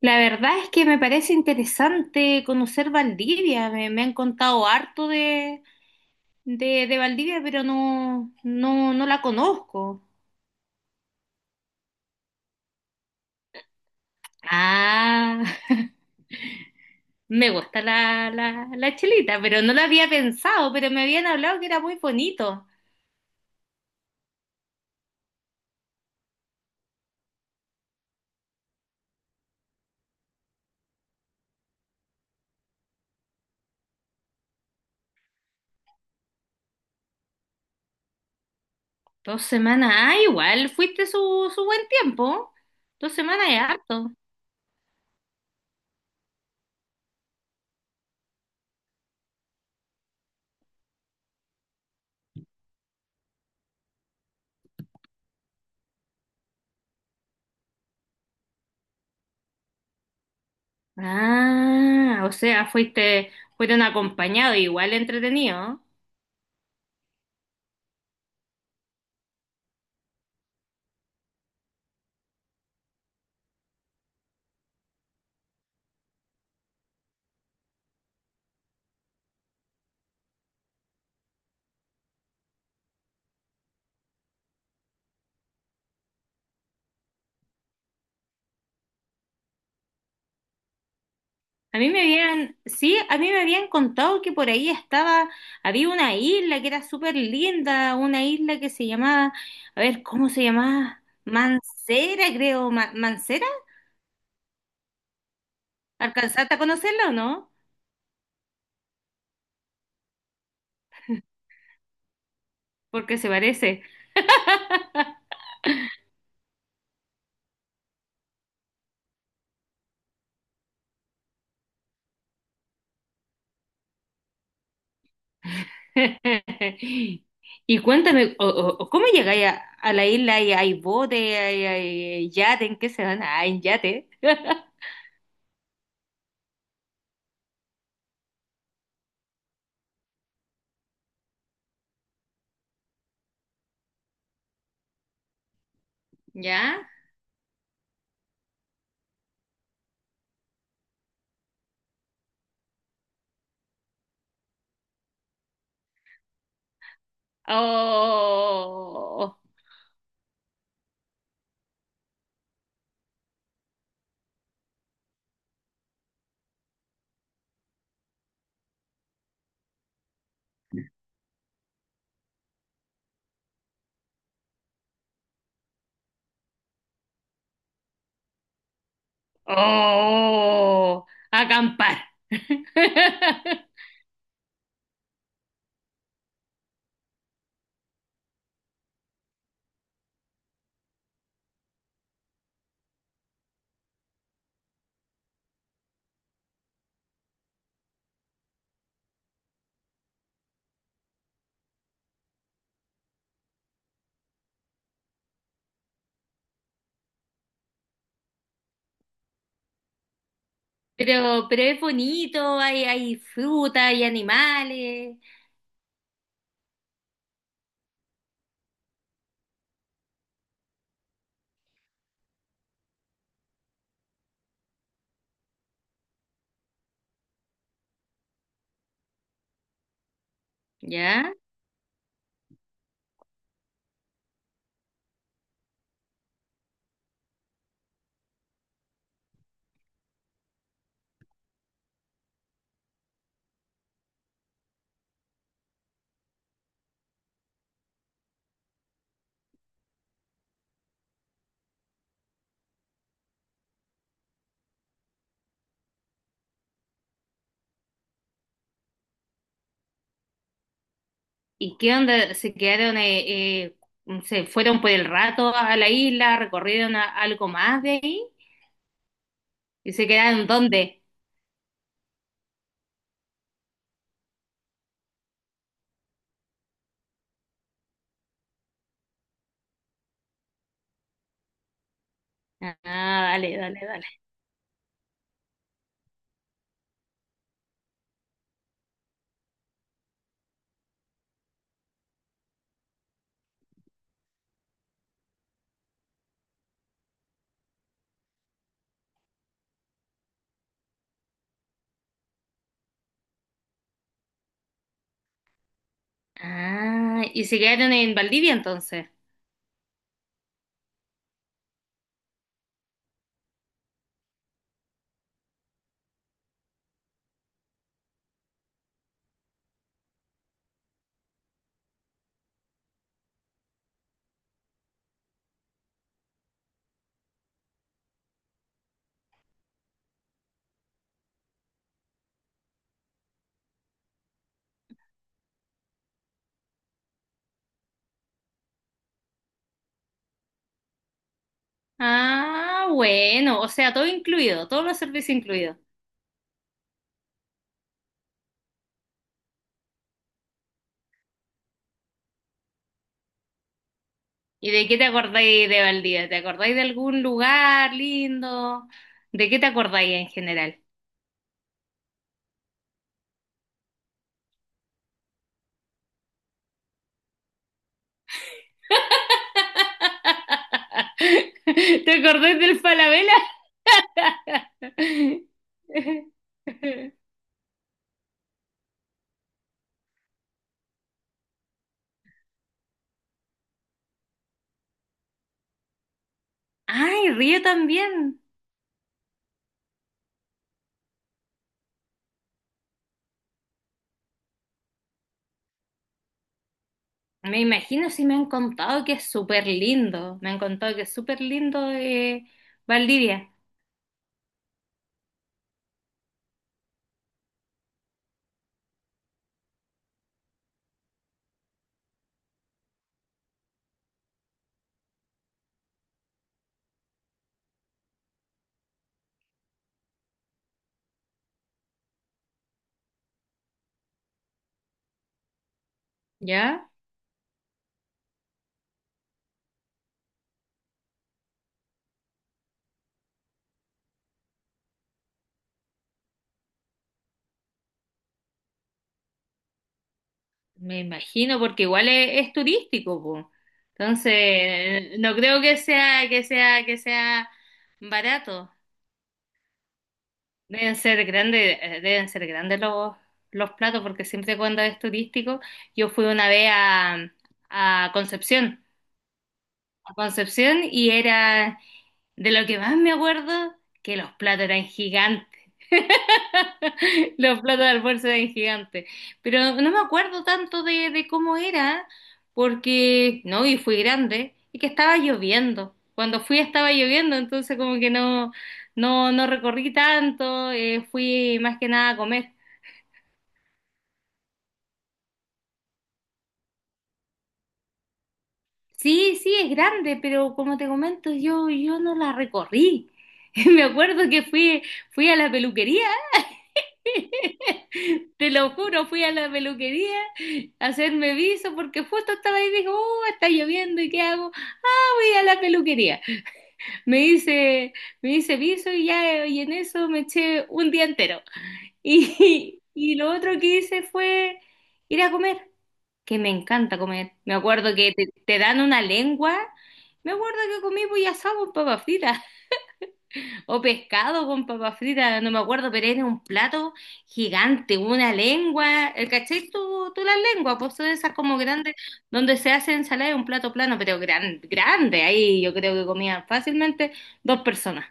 La verdad es que me parece interesante conocer Valdivia. Me han contado harto de Valdivia, pero no la conozco. Ah, me gusta la chelita, pero no la había pensado, pero me habían hablado que era muy bonito. Dos semanas, ah, igual, fuiste su buen tiempo. 2 semanas es harto. Ah, o sea, fuiste, fueron acompañados, igual entretenido. A mí me habían, sí, a mí me habían contado que por ahí estaba, había una isla que era súper linda, una isla que se llamaba, a ver, ¿cómo se llamaba? Mancera, creo, ¿Mancera? ¿Alcanzaste a conocerla o no? Porque se parece. Y cuéntame, o ¿cómo llegáis a la isla? ¿Y ¿Hay bote? ¿Hay yate? ¿En qué se van? Ah, en yate. ¿Ya? Oh. Oh, acampar. Pero es bonito, hay fruta, hay animales, ¿ya? ¿Y qué onda? ¿Se quedaron, se fueron por el rato a la isla, recorrieron algo más de ahí? ¿Y se quedaron dónde? Ah, dale, dale, dale. Ah, ¿y se quedaron en Valdivia entonces? Ah, bueno, o sea, todo incluido, todos los servicios incluidos. ¿Y de qué te acordáis de Valdivia? ¿Te acordáis de algún lugar lindo? ¿De qué te acordáis en general? ¿Te acordáis del Falabella? Ay, Río también. Me imagino, si me han contado que es súper lindo. Me han contado que es súper lindo Valdivia. ¿Ya? Me imagino porque igual es turístico, po. Entonces, no creo que sea barato. Deben ser grandes los platos, porque siempre cuando es turístico, yo fui una vez a Concepción, a Concepción, y era de lo que más me acuerdo, que los platos eran gigantes. Los platos de almuerzo eran gigantes. Pero no me acuerdo tanto de cómo era, porque no, y fui grande, y que estaba lloviendo. Cuando fui estaba lloviendo, entonces como que no, no recorrí tanto, fui más que nada a comer. Sí, sí, es grande, pero como te comento, yo no la recorrí. Me acuerdo que fui, fui a la peluquería. Te lo juro, fui a la peluquería a hacerme viso porque justo estaba ahí y dijo, oh, está lloviendo, ¿y qué hago? Ah, voy a la peluquería. Me hice, Me hice viso y ya, y en eso me eché un día entero. Y y lo otro que hice fue ir a comer, que me encanta comer. Me acuerdo que te dan una lengua. Me acuerdo que comí pollo asado con papas fritas. O pescado con papas fritas, no me acuerdo, pero era un plato gigante, una lengua. ¿El cachai? Tú las lenguas, pues son esas como grandes, donde se hace ensalada, de un plato plano, pero grande. Ahí yo creo que comían fácilmente dos personas.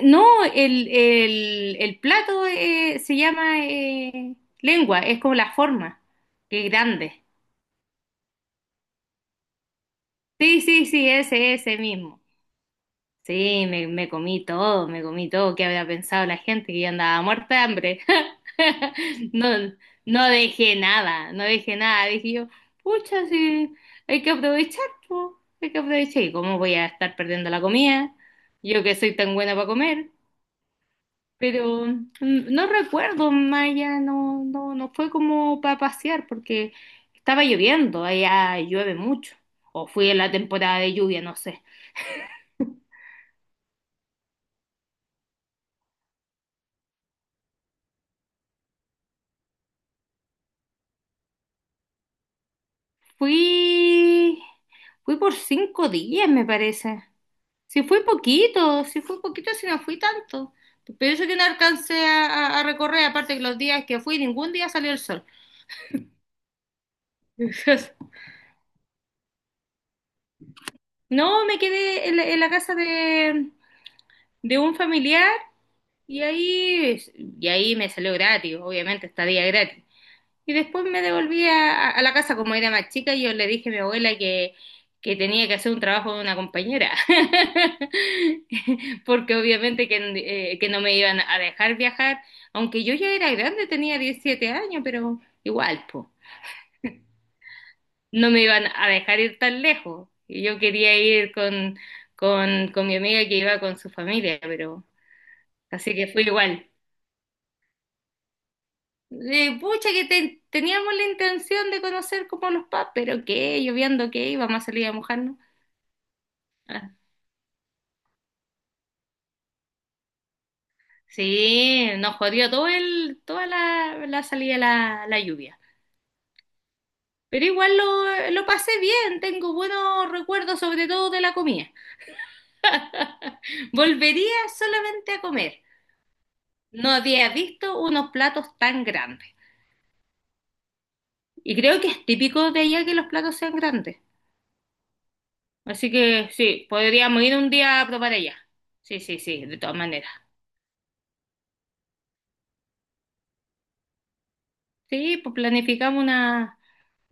No, el plato se llama lengua, es como la forma, que es grande. Sí, sí, sí, ese mismo. Sí, me comí todo, me comí todo. ¿Qué había pensado la gente? Que yo andaba muerta de hambre. No, no dejé nada, no dejé nada. Dije yo, pucha, sí, hay que aprovechar, po, hay que aprovechar. ¿Y cómo voy a estar perdiendo la comida? Yo que soy tan buena para comer. Pero no recuerdo, Maya, no fue como para pasear porque estaba lloviendo, allá llueve mucho. O fui en la temporada de lluvia, no sé. Fui, fui por 5 días, me parece. Si fui poquito, si fui poquito, si no fui tanto. Pero eso que no alcancé a, a recorrer, aparte que los días que fui, ningún día salió el sol. No, me quedé en la casa de un familiar, y ahí, y ahí me salió gratis, obviamente, estadía gratis. Y después me devolví a la casa como era más chica, y yo le dije a mi abuela que tenía que hacer un trabajo de una compañera, porque obviamente que no me iban a dejar viajar, aunque yo ya era grande, tenía 17 años, pero igual, pues, no me iban a dejar ir tan lejos. Y yo quería ir con, con mi amiga que iba con su familia, pero así que fue igual. De pucha, que teníamos la intención de conocer como los pubs, pero qué, lloviendo qué, íbamos a salir a mojarnos. Ah. Sí, nos jodió todo el, toda la salida, la lluvia. Pero igual lo pasé bien, tengo buenos recuerdos sobre todo de la comida. Volvería solamente a comer. No había visto unos platos tan grandes. Y creo que es típico de allá que los platos sean grandes. Así que sí, podríamos ir un día a probar allá. Sí, sí, sí, de todas maneras. Sí, pues planificamos una,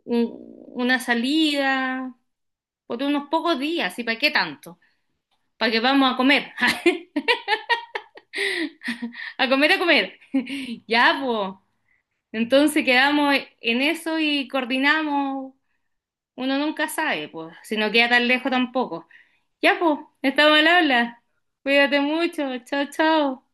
un- una salida por unos pocos días, ¿y para qué tanto? Para que vamos a comer, a comer, a comer. Ya, pues. Entonces quedamos en eso y coordinamos. Uno nunca sabe, pues, si no queda tan lejos tampoco. Ya, pues, estamos al habla. Cuídate mucho. Chao, chao.